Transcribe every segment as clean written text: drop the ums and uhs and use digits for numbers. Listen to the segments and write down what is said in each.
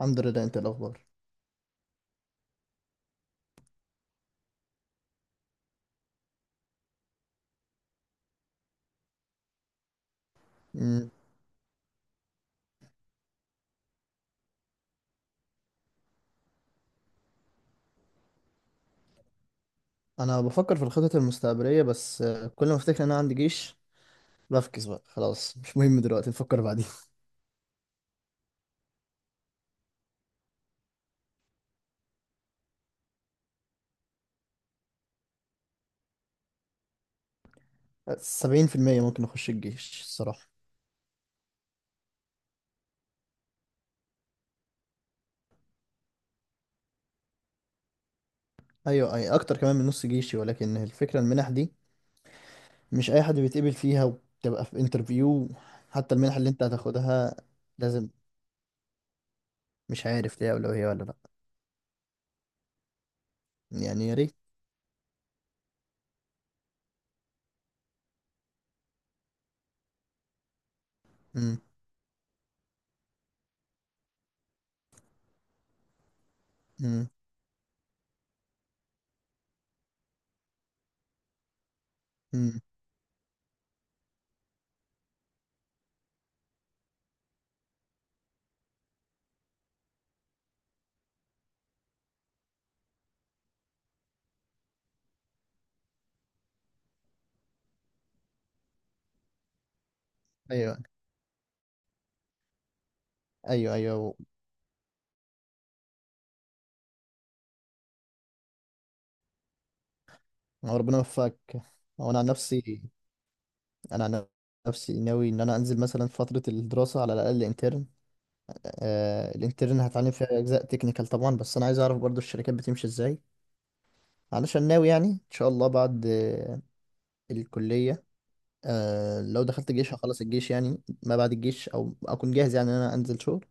الحمد لله. انت إيه الاخبار؟ مم. انا بفكر في الخطط المستقبليه بس كل ما افتكر ان انا عندي جيش بفكس بقى. خلاص مش مهم دلوقتي، نفكر بعدين. 70% ممكن اخش الجيش الصراحه. ايوه، اي اكتر كمان من نص جيشي، ولكن الفكره المنح دي مش اي حد بيتقبل فيها، وبتبقى في انترفيو حتى المنح اللي انت هتاخدها. لازم. مش عارف ليها اولويه ولا لا. يعني يا ريت. مم. مم. مم. ايوه. ايوه ايوه. ربنا يوفقك. وانا عن نفسي انا عن ناوي ان انا انزل مثلا في فتره الدراسه على الاقل انترن. الانترن هتعلم فيها اجزاء تكنيكال طبعا، بس انا عايز اعرف برضو الشركات بتمشي ازاي، علشان ناوي يعني ان شاء الله بعد الكليه. لو دخلت الجيش هخلص الجيش، يعني ما بعد الجيش او اكون جاهز يعني ان انا انزل شغل.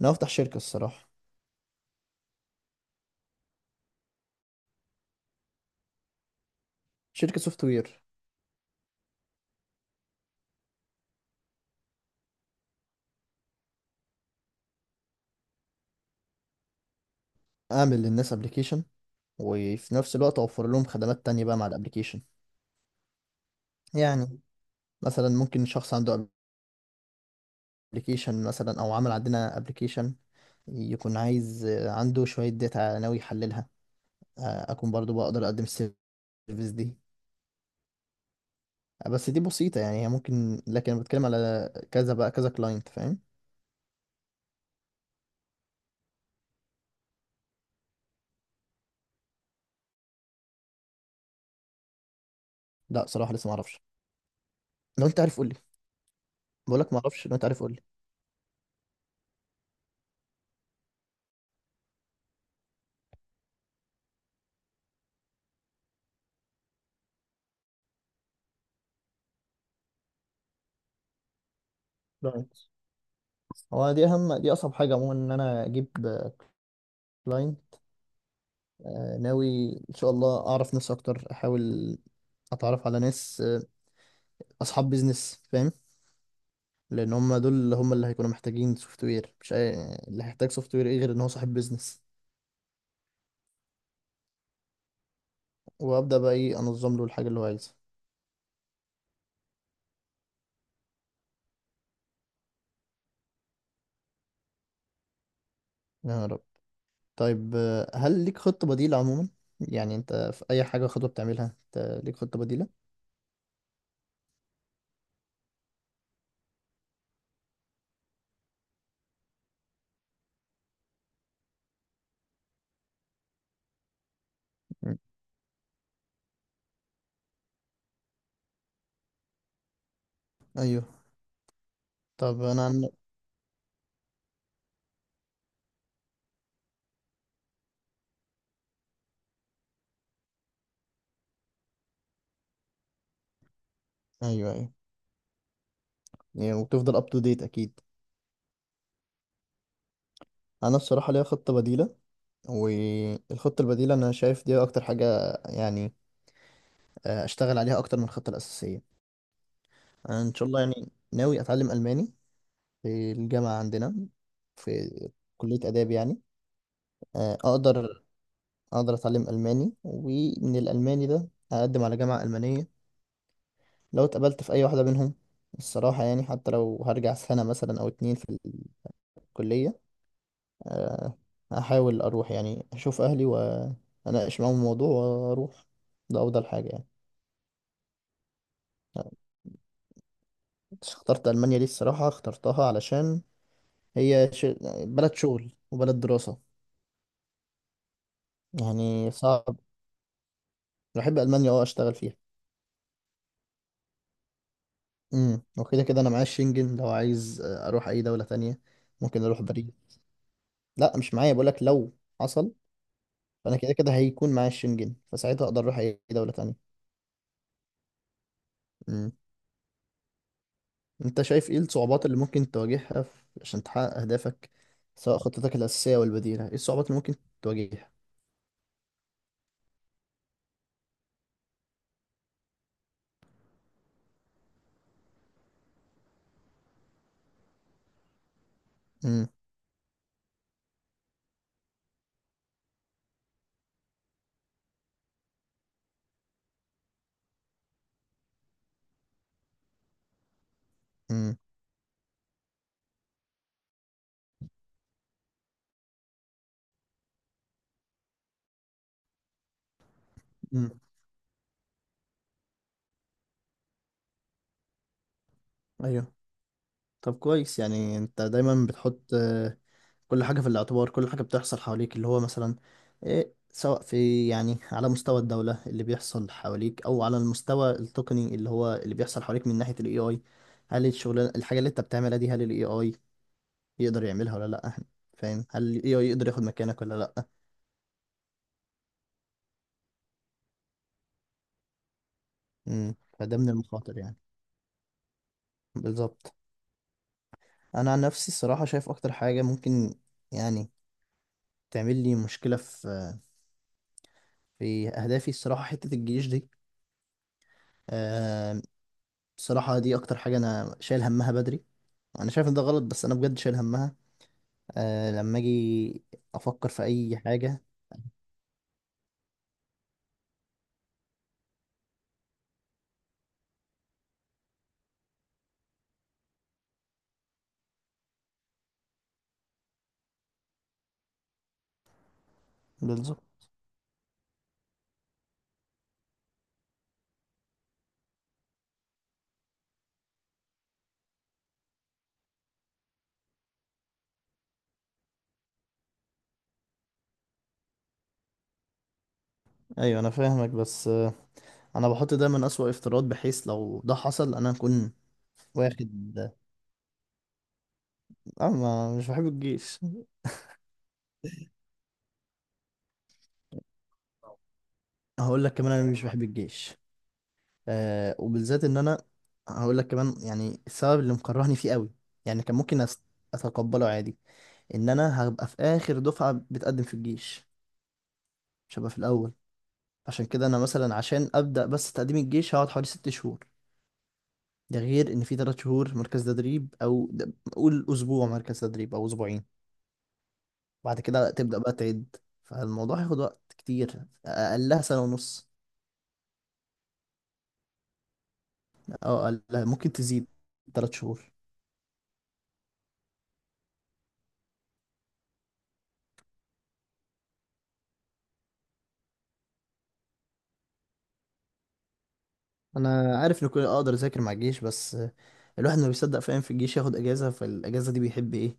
انا هفتح شركه الصراحه. شركه سوفت وير. اعمل للناس ابلكيشن، وفي نفس الوقت اوفر لهم خدمات تانية بقى مع الابلكيشن. يعني مثلا ممكن شخص عنده ابلكيشن مثلا، او عمل عندنا ابلكيشن، يكون عايز عنده شوية داتا ناوي يحللها. أكون برضو بقدر أقدم السيرفيس دي. بس دي بسيطة يعني، هي ممكن، لكن أنا بتكلم على كذا بقى كذا كلاينت فاهم. لا، صراحة لسه معرفش. لو أنت عارف قولي. بقولك معرفش، لو أنت عارف قولي. كلاينت. هو دي أهم، دي أصعب حاجة عموما إن أنا أجيب كلاينت. ناوي إن شاء الله أعرف ناس أكتر، أحاول أتعرف على ناس أصحاب بيزنس فاهم. لأن هم دول هم اللي هيكونوا محتاجين سوفت وير، مش اللي هيحتاج سوفت وير إيه غير إن هو صاحب بيزنس. وابدا بقى ايه انظم له الحاجه اللي هو عايزها. يا رب. طيب، هل ليك خطه بديله عموما؟ يعني انت في اي حاجه خطوه بتعملها انت ليك خطه بديله؟ مم. ايوه. طب انا عن. ايوه ايوه. يعني وبتفضل اب تو ديت اكيد. انا بصراحه ليا خطه بديله، والخطه البديله انا شايف دي اكتر حاجه يعني اشتغل عليها اكتر من الخطه الاساسيه. انا ان شاء الله يعني ناوي اتعلم الماني، في الجامعه عندنا في كليه اداب يعني. آه، اقدر اقدر اتعلم الماني، ومن الالماني ده هقدم على جامعة المانية. لو اتقبلت في اي واحدة منهم الصراحة، يعني حتى لو هرجع سنة مثلا او اتنين في الكلية. آه، هحاول اروح يعني اشوف اهلي واناقش معاهم الموضوع واروح. ده افضل حاجة يعني. اخترت المانيا دي الصراحة اخترتها علشان هي بلد شغل وبلد دراسة. يعني صعب. بحب المانيا، اشتغل فيها. وكده كده انا معايا الشنجن لو عايز اروح اي دولة تانية، ممكن اروح باريس. لا، مش معايا، بقول لك لو حصل، فانا كده كده هيكون معايا الشنجن، فساعتها اقدر اروح اي دولة تانية. امم. انت شايف ايه الصعوبات اللي ممكن تواجهها عشان تحقق اهدافك؟ سواء خطتك الاساسية والبديلة، ايه الصعوبات اللي ممكن تواجهها؟ امم. امم. امم. ايوه. طب كويس. يعني انت دايما بتحط كل حاجة في الاعتبار، كل حاجة بتحصل حواليك، اللي هو مثلا إيه، سواء في يعني على مستوى الدولة اللي بيحصل حواليك، أو على المستوى التقني اللي هو اللي بيحصل حواليك من ناحية ال AI. هل الشغلانة الحاجة اللي أنت بتعملها دي، هل ال AI يقدر يعملها ولا لأ؟ فاهم، هل ال AI يقدر ياخد مكانك ولا لأ؟ مم. فده من المخاطر يعني. بالظبط. أنا عن نفسي الصراحة شايف أكتر حاجة ممكن يعني تعمل لي مشكلة في أهدافي، الصراحة حتة الجيش دي. آه، الصراحة دي أكتر حاجة أنا شايل همها بدري. انا شايف ان ده غلط، بس انا بجد شايل همها لما اجي افكر في اي حاجه. بالظبط. ايوه انا فاهمك، بس انا بحط دايما اسوأ افتراض، بحيث لو ده حصل انا اكون واخد. اه ما مش بحب الجيش. هقول لك كمان انا مش بحب الجيش. وبالذات ان انا هقول لك كمان يعني السبب اللي مكرهني فيه قوي. يعني كان ممكن اتقبله عادي، ان انا هبقى في اخر دفعه بتقدم في الجيش، مش هبقى في الاول. عشان كده انا مثلا، عشان ابدا بس تقديم الجيش هقعد حوالي 6 شهور. ده غير ان في 3 شهور مركز تدريب، او قول اسبوع مركز تدريب او اسبوعين. بعد كده تبدا بقى تعد. فالموضوع هياخد وقت كتير، اقلها سنه ونص، او اقلها ممكن تزيد 3 شهور. انا عارف ان كل اقدر اذاكر مع الجيش، بس الواحد ما بيصدق فاهم في الجيش ياخد اجازه، فالاجازه دي بيحب ايه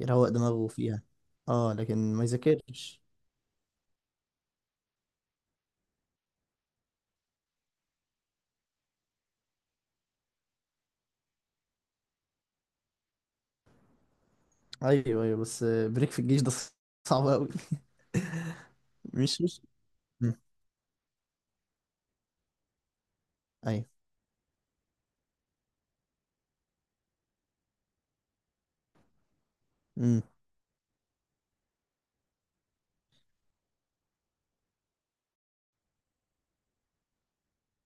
يروق دماغه فيها. اه لكن ما يذاكرش. ايوه ايوه، بس بريك في الجيش ده صعب قوي. مش. مم. ايوه. مم.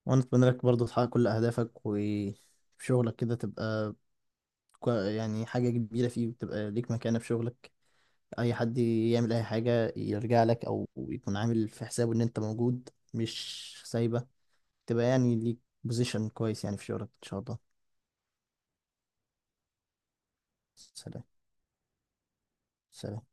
وانا اتمنى لك برضه تحقق كل اهدافك، وفي شغلك كده تبقى يعني حاجة كبيرة فيه، وتبقى ليك مكانة في شغلك. اي حد يعمل اي حاجة يرجع لك، او يكون عامل في حسابه ان انت موجود مش سايبة. تبقى يعني ليك بوزيشن كويس يعني في شغلك ان شاء الله. سلام. سلام.